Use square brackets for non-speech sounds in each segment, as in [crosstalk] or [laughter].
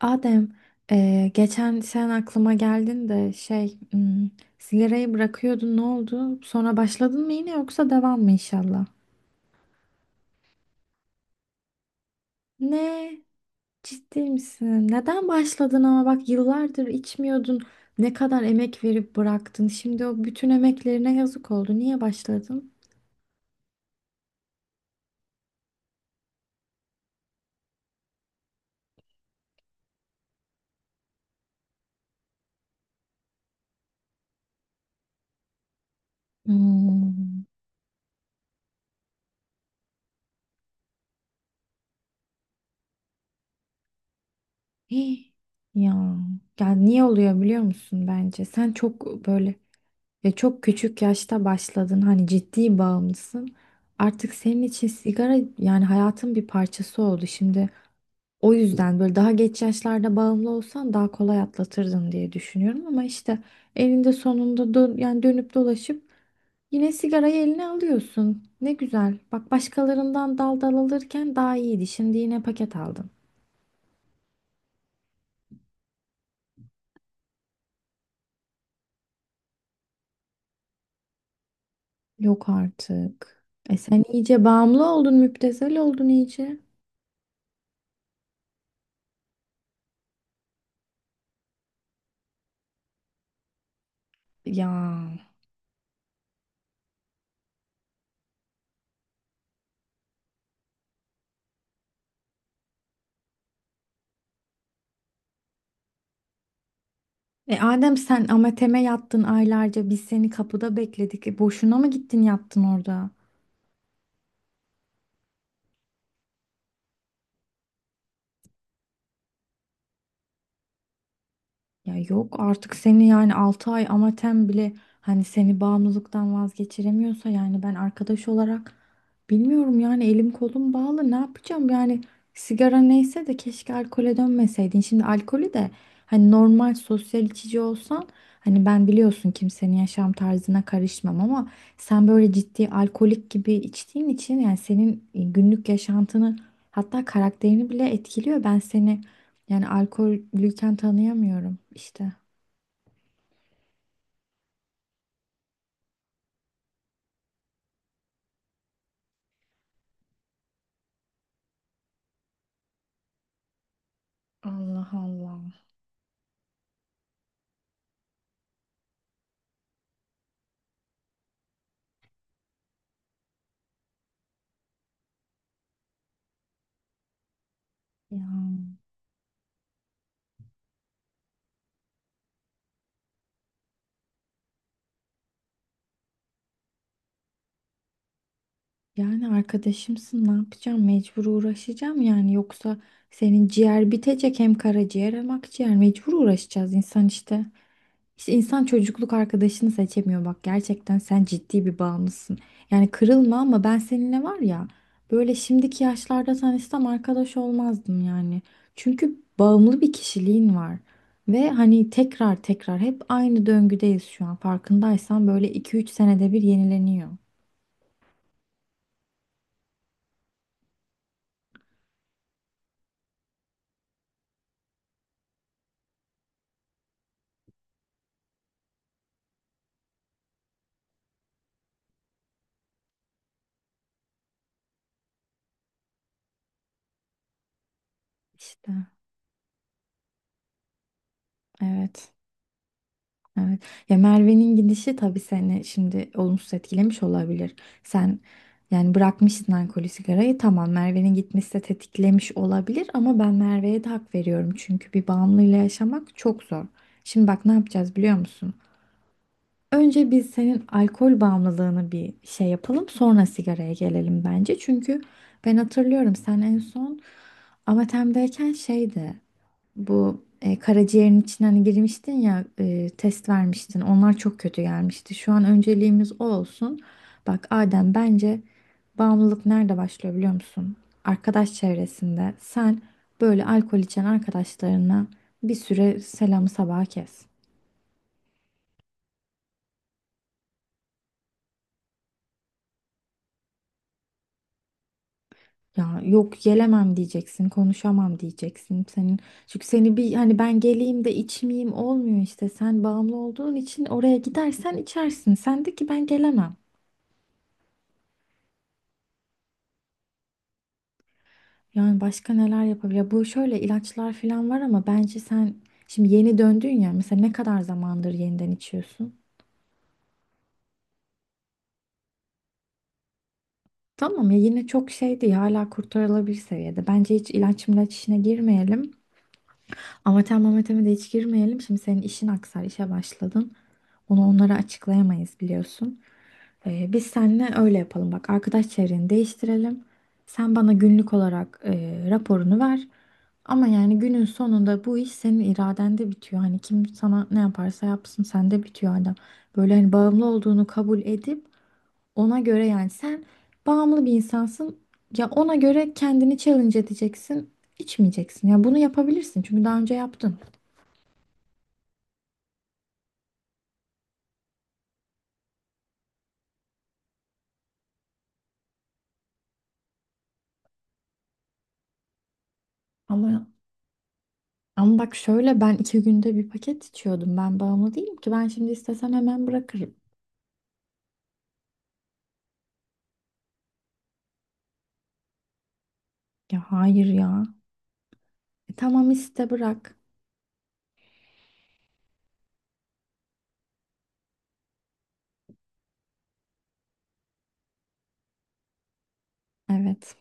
Adem, geçen sen aklıma geldin de şey, sigarayı bırakıyordun, ne oldu? Sonra başladın mı yine, yoksa devam mı inşallah? Ne? Ciddi misin? Neden başladın? Ama bak, yıllardır içmiyordun. Ne kadar emek verip bıraktın. Şimdi o bütün emeklerine yazık oldu. Niye başladın? Hmm. [gasps] Hih. Ya, ya niye oluyor biliyor musun bence? Sen çok böyle... Ve çok küçük yaşta başladın, hani ciddi bağımlısın. Artık senin için sigara yani hayatın bir parçası oldu. Şimdi o yüzden böyle daha geç yaşlarda bağımlı olsan daha kolay atlatırdın diye düşünüyorum. Ama işte elinde sonunda yani dönüp dolaşıp yine sigarayı eline alıyorsun. Ne güzel. Bak, başkalarından dal dal alırken daha iyiydi. Şimdi yine paket aldın. Yok artık. E sen iyice bağımlı oldun, müptezel oldun iyice. Ya. E Adem, sen Amatem'e yattın aylarca, biz seni kapıda bekledik. E boşuna mı gittin yattın orada? Ya yok artık, seni yani 6 ay amatem bile hani seni bağımlılıktan vazgeçiremiyorsa yani ben arkadaş olarak bilmiyorum yani, elim kolum bağlı, ne yapacağım yani? Sigara neyse de keşke alkole dönmeseydin. Şimdi alkolü de hani normal sosyal içici olsan, hani ben biliyorsun kimsenin yaşam tarzına karışmam ama sen böyle ciddi alkolik gibi içtiğin için yani senin günlük yaşantını, hatta karakterini bile etkiliyor. Ben seni yani alkollüyken tanıyamıyorum işte. Allah Allah. Ya. Yani arkadaşımsın, ne yapacağım? Mecbur uğraşacağım yani. Yoksa senin ciğer bitecek, hem karaciğer hem akciğer. Mecbur uğraşacağız, insan işte. İşte insan çocukluk arkadaşını seçemiyor, bak gerçekten sen ciddi bir bağımlısın. Yani kırılma ama ben seninle var ya böyle şimdiki yaşlarda tanışsam arkadaş olmazdım yani. Çünkü bağımlı bir kişiliğin var. Ve hani tekrar tekrar hep aynı döngüdeyiz şu an, farkındaysan böyle iki üç senede bir yenileniyor. İşte evet. Evet. Ya Merve'nin gidişi tabii seni şimdi olumsuz etkilemiş olabilir. Sen yani bırakmışsın alkolü sigarayı, tamam Merve'nin gitmesi de tetiklemiş olabilir ama ben Merve'ye de hak veriyorum. Çünkü bir bağımlıyla yaşamak çok zor. Şimdi bak, ne yapacağız biliyor musun? Önce biz senin alkol bağımlılığını bir şey yapalım, sonra sigaraya gelelim bence. Çünkü ben hatırlıyorum, sen en son Amatem'deyken şeydi. Bu karaciğerin içine hani girmiştin ya, test vermiştin. Onlar çok kötü gelmişti. Şu an önceliğimiz o olsun. Bak Adem, bence bağımlılık nerede başlıyor biliyor musun? Arkadaş çevresinde. Sen böyle alkol içen arkadaşlarına bir süre selamı sabaha kes. Ya yok gelemem diyeceksin, konuşamam diyeceksin. Senin çünkü seni bir hani ben geleyim de içmeyeyim olmuyor işte. Sen bağımlı olduğun için oraya gidersen içersin. Sen de ki ben gelemem. Yani başka neler yapabilir? Bu şöyle ilaçlar falan var ama bence sen şimdi yeni döndün ya, mesela ne kadar zamandır yeniden içiyorsun? Tamam ya, yine çok şey değil, hala kurtarılabilir seviyede. Bence hiç ilaç milaç işine girmeyelim. Amatör mamateme de hiç girmeyelim. Şimdi senin işin aksar, işe başladın. Onu onlara açıklayamayız biliyorsun. Biz seninle öyle yapalım. Bak, arkadaş çevreni değiştirelim. Sen bana günlük olarak raporunu ver. Ama yani günün sonunda bu iş senin iradende bitiyor. Hani kim sana ne yaparsa yapsın sende bitiyor adam. Böyle hani bağımlı olduğunu kabul edip ona göre yani sen bağımlı bir insansın. Ya ona göre kendini challenge edeceksin. İçmeyeceksin. Ya bunu yapabilirsin çünkü daha önce yaptın. Ama ama bak şöyle, ben iki günde bir paket içiyordum. Ben bağımlı değilim ki. Ben şimdi istesem hemen bırakırım. Ya hayır ya. Tamam, iste bırak. Evet.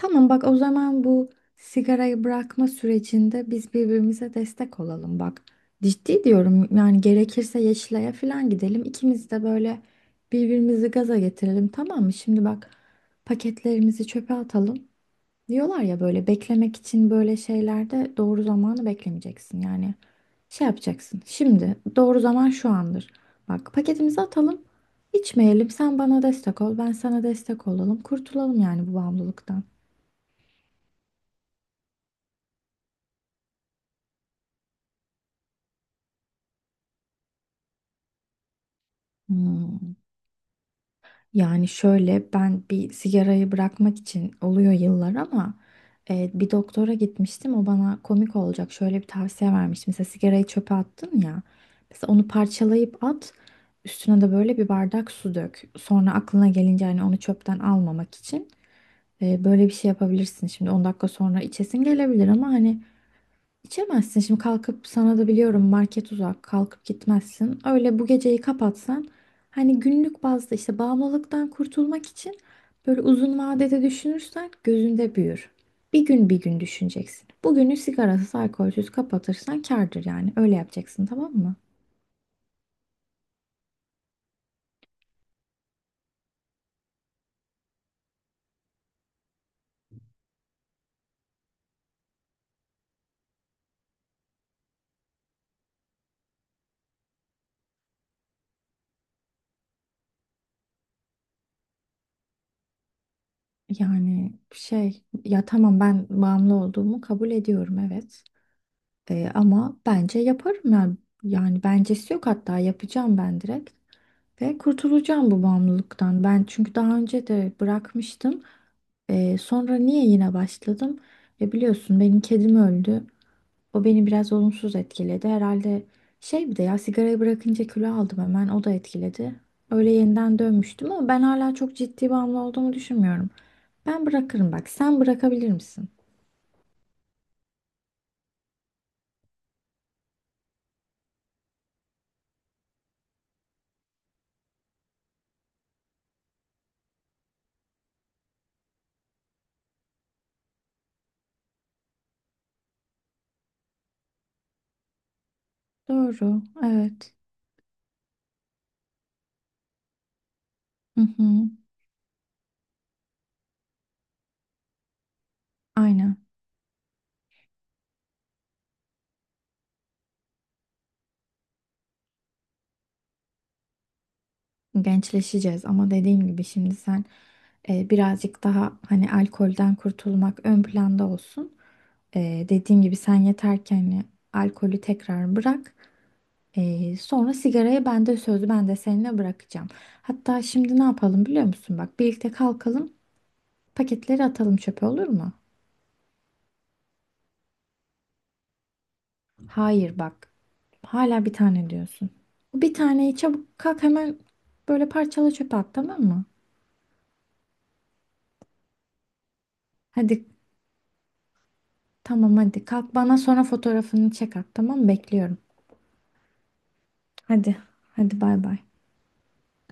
Tamam bak, o zaman bu sigarayı bırakma sürecinde biz birbirimize destek olalım bak. Ciddi diyorum yani, gerekirse Yeşilay'a falan gidelim. İkimiz de böyle birbirimizi gaza getirelim, tamam mı? Şimdi bak, paketlerimizi çöpe atalım. Diyorlar ya, böyle beklemek için böyle şeylerde doğru zamanı beklemeyeceksin. Yani şey yapacaksın. Şimdi doğru zaman şu andır. Bak, paketimizi atalım. İçmeyelim. Sen bana destek ol. Ben sana destek olalım. Kurtulalım yani bu bağımlılıktan. Hmm. Yani şöyle, ben bir sigarayı bırakmak için oluyor yıllar ama bir doktora gitmiştim, o bana komik olacak şöyle bir tavsiye vermişti. Mesela sigarayı çöpe attın ya, mesela onu parçalayıp at, üstüne de böyle bir bardak su dök. Sonra aklına gelince hani onu çöpten almamak için böyle bir şey yapabilirsin. Şimdi 10 dakika sonra içesin gelebilir ama hani İçemezsin şimdi kalkıp, sana da biliyorum market uzak, kalkıp gitmezsin. Öyle bu geceyi kapatsan hani günlük bazda işte, bağımlılıktan kurtulmak için böyle uzun vadede düşünürsen gözünde büyür. Bir gün bir gün düşüneceksin. Bugünü sigarasız alkolsüz kapatırsan kârdır, yani öyle yapacaksın, tamam mı? Yani şey ya, tamam ben bağımlı olduğumu kabul ediyorum evet. Ama bence yaparım yani. Yani bencesi yok, hatta yapacağım ben direkt. Ve kurtulacağım bu bağımlılıktan. Ben çünkü daha önce de bırakmıştım. Sonra niye yine başladım? E biliyorsun benim kedim öldü. O beni biraz olumsuz etkiledi. Herhalde şey, bir de ya sigarayı bırakınca kilo aldım hemen. O da etkiledi. Öyle yeniden dönmüştüm ama ben hala çok ciddi bağımlı olduğumu düşünmüyorum. Ben bırakırım bak. Sen bırakabilir misin? Doğru. Evet. Hı hı. Aynen. Gençleşeceğiz ama dediğim gibi şimdi sen birazcık daha hani alkolden kurtulmak ön planda olsun. Dediğim gibi sen yeter ki hani alkolü tekrar bırak. Sonra sigarayı ben de, sözü ben de seninle bırakacağım. Hatta şimdi ne yapalım biliyor musun? Bak birlikte kalkalım, paketleri atalım çöpe, olur mu? Hayır bak, hala bir tane diyorsun. Bir taneyi çabuk kalk, hemen böyle parçala çöpe at, tamam mı? Hadi. Tamam hadi kalk, bana sonra fotoğrafını çek at, tamam mı? Bekliyorum. Hadi, hadi bay bay.